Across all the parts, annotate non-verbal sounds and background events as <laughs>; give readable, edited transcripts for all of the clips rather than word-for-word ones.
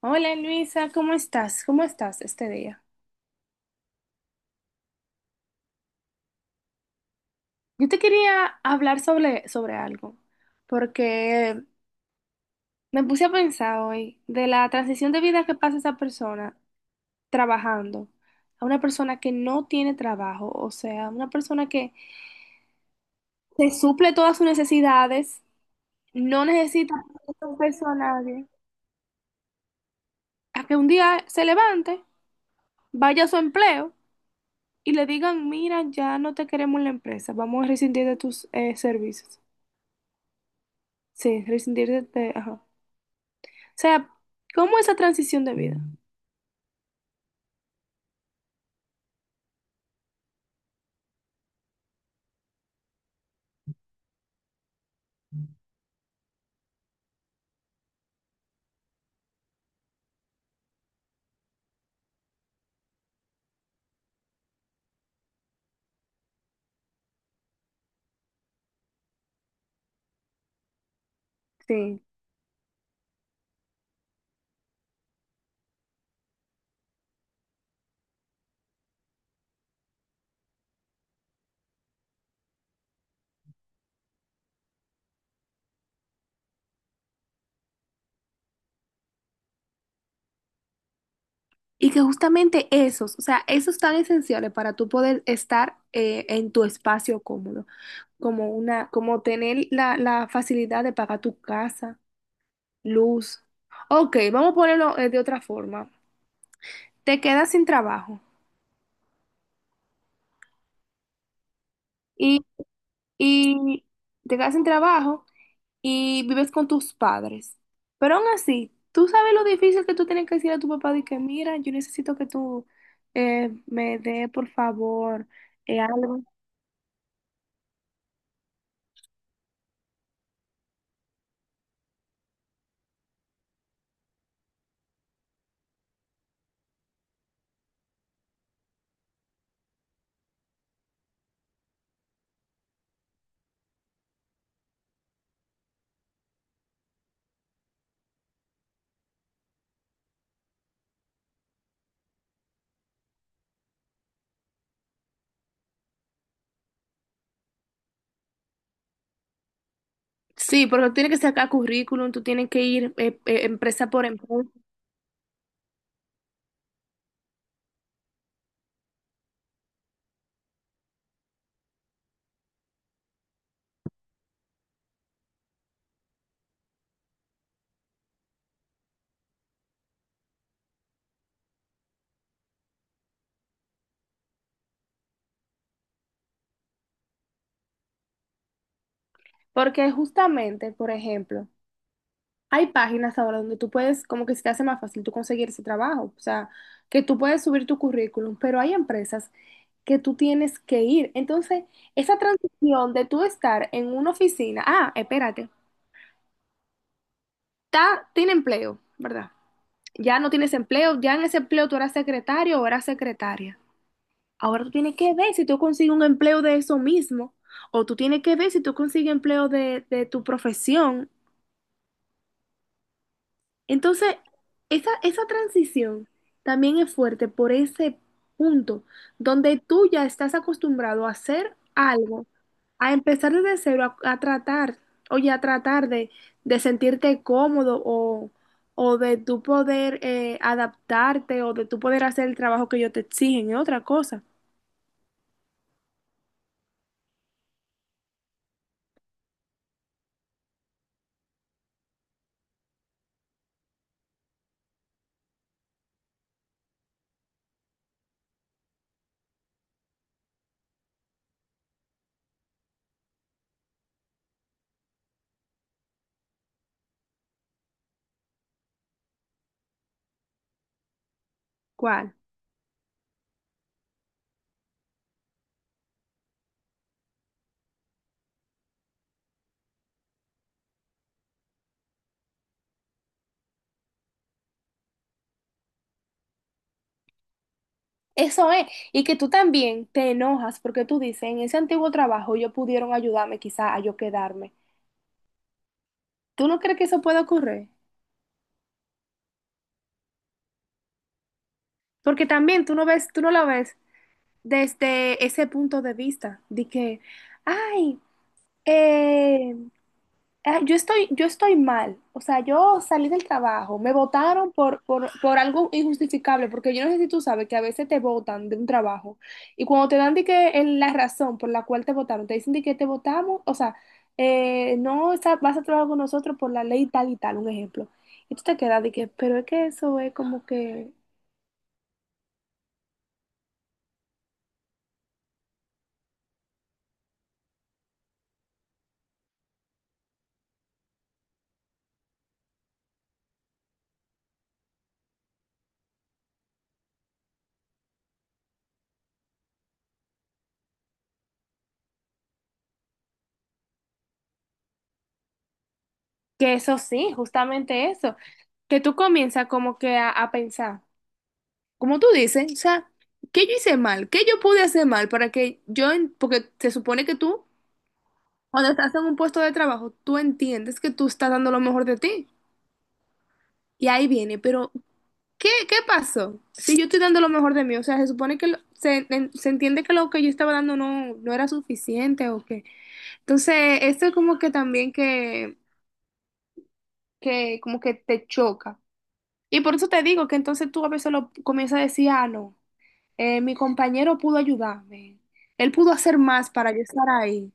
Hola Luisa, ¿cómo estás? ¿Cómo estás este día? Yo te quería hablar sobre algo, porque me puse a pensar hoy de la transición de vida que pasa esa persona trabajando a una persona que no tiene trabajo, o sea, una persona que se suple todas sus necesidades, no necesita protegerse a nadie, a que un día se levante, vaya a su empleo y le digan, mira, ya no te queremos en la empresa, vamos a rescindir de tus servicios. Sí, resentirse ajá. O sea, ¿cómo esa transición de vida? Sí. Y que justamente esos, o sea, esos tan esenciales para tú poder estar en tu espacio cómodo, como una, como tener la facilidad de pagar tu casa, luz. Ok, vamos a ponerlo de otra forma. Te quedas sin trabajo y, y te quedas sin trabajo y vives con tus padres. Pero aún así, tú sabes lo difícil que tú tienes que decir a tu papá de que, mira, yo necesito que tú me dé, por favor, algo. Sí, porque tú tienes que sacar currículum, tú tienes que ir empresa por empresa. Porque justamente, por ejemplo, hay páginas ahora donde tú puedes, como que se te hace más fácil tú conseguir ese trabajo, o sea, que tú puedes subir tu currículum, pero hay empresas que tú tienes que ir. Entonces, esa transición de tú estar en una oficina, ah, espérate, está, tiene empleo, ¿verdad? Ya no tienes empleo, ya en ese empleo tú eras secretario o eras secretaria. Ahora tú tienes que ver si tú consigues un empleo de eso mismo, o tú tienes que ver si tú consigues empleo de tu profesión. Entonces, esa transición también es fuerte por ese punto donde tú ya estás acostumbrado a hacer algo, a empezar desde cero, a tratar, oye, a tratar de sentirte cómodo o de tú poder adaptarte o de tú poder hacer el trabajo que ellos te exigen, es otra cosa. ¿Cuál? Eso es, y que tú también te enojas porque tú dices, en ese antiguo trabajo ellos pudieron ayudarme quizá a yo quedarme. ¿Tú no crees que eso pueda ocurrir? Porque también tú no ves, tú no la ves desde ese punto de vista, de que, ay, eh, yo estoy mal. O sea, yo salí del trabajo, me votaron por algo injustificable, porque yo no sé si tú sabes que a veces te votan de un trabajo y cuando te dan de que en la razón por la cual te votaron, te dicen de que te votamos, o sea, no sa- vas a trabajar con nosotros por la ley tal y tal, un ejemplo. Y tú te quedas de que, pero es que eso es como que eso sí, justamente eso, que tú comienzas como que a pensar, como tú dices, o sea, ¿qué yo hice mal? ¿Qué yo pude hacer mal para que yo, porque se supone que tú, cuando estás en un puesto de trabajo, tú entiendes que tú estás dando lo mejor de ti. Y ahí viene, pero ¿qué pasó? Si yo estoy dando lo mejor de mí, o sea, se supone que se entiende que lo que yo estaba dando no era suficiente o qué. Entonces, esto es como que también que como que te choca. Y por eso te digo que entonces tú a veces lo comienzas a decir, ah, no, mi compañero pudo ayudarme, él pudo hacer más para yo estar ahí.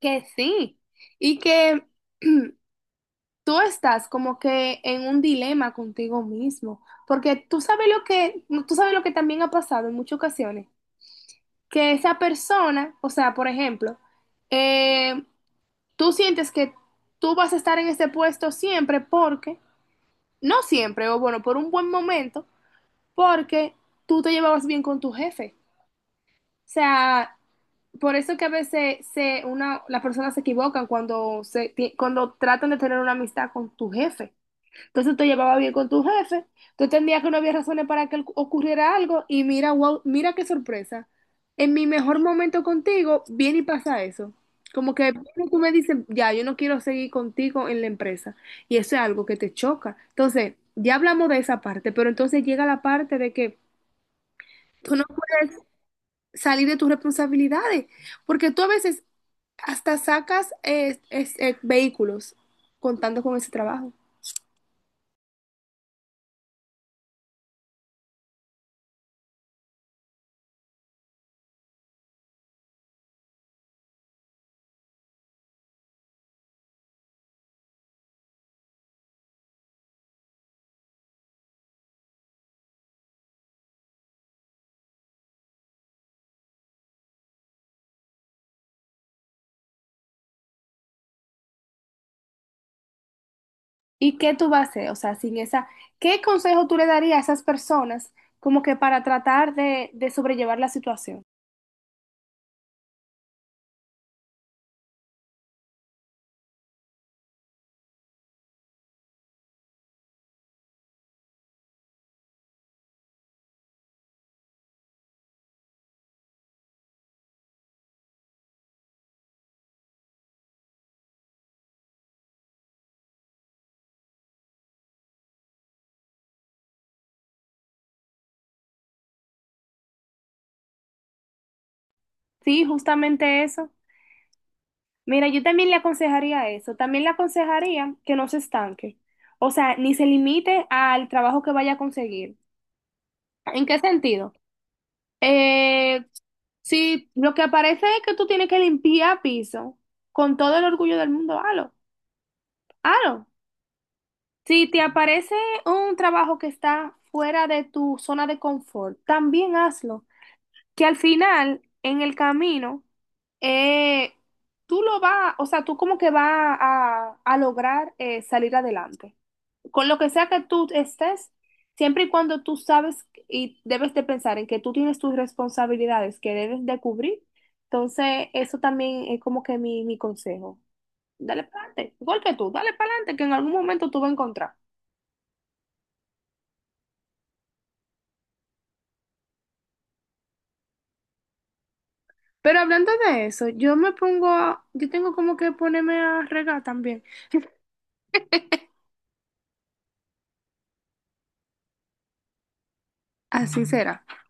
Que sí, y que <clears throat> tú estás como que en un dilema contigo mismo, porque tú sabes lo que, tú sabes lo que también ha pasado en muchas ocasiones, que esa persona, o sea, por ejemplo, eh, tú sientes que tú vas a estar en ese puesto siempre porque, no siempre, o bueno, por un buen momento porque tú te llevabas bien con tu jefe. O sea, por eso que a veces las personas se equivocan cuando, cuando tratan de tener una amistad con tu jefe. Entonces te llevaba bien con tu jefe, tú entendías que no había razones para que ocurriera algo y mira, wow, mira qué sorpresa. En mi mejor momento contigo, viene y pasa eso. Como que tú me dices, ya, yo no quiero seguir contigo en la empresa. Y eso es algo que te choca. Entonces, ya hablamos de esa parte, pero entonces llega la parte de que tú no puedes salir de tus responsabilidades, porque tú a veces hasta sacas vehículos contando con ese trabajo. ¿Y qué tú vas a hacer? O sea, sin esa, ¿qué consejo tú le darías a esas personas como que para tratar de sobrellevar la situación? Sí, justamente eso. Mira, yo también le aconsejaría eso. También le aconsejaría que no se estanque. O sea, ni se limite al trabajo que vaya a conseguir. ¿En qué sentido? Eh, sí, lo que aparece es que tú tienes que limpiar piso con todo el orgullo del mundo, halo, halo. Si te aparece un trabajo que está fuera de tu zona de confort, también hazlo. Que al final, en el camino, eh, tú lo vas, o sea, tú como que vas a lograr salir adelante con lo que sea que tú estés, siempre y cuando tú sabes y debes de pensar en que tú tienes tus responsabilidades que debes de cubrir, entonces eso también es como que mi consejo. Dale para adelante, igual que tú, dale para adelante, que en algún momento tú vas a encontrar. Pero hablando de eso, yo tengo como que ponerme a regar también. <laughs> Así será.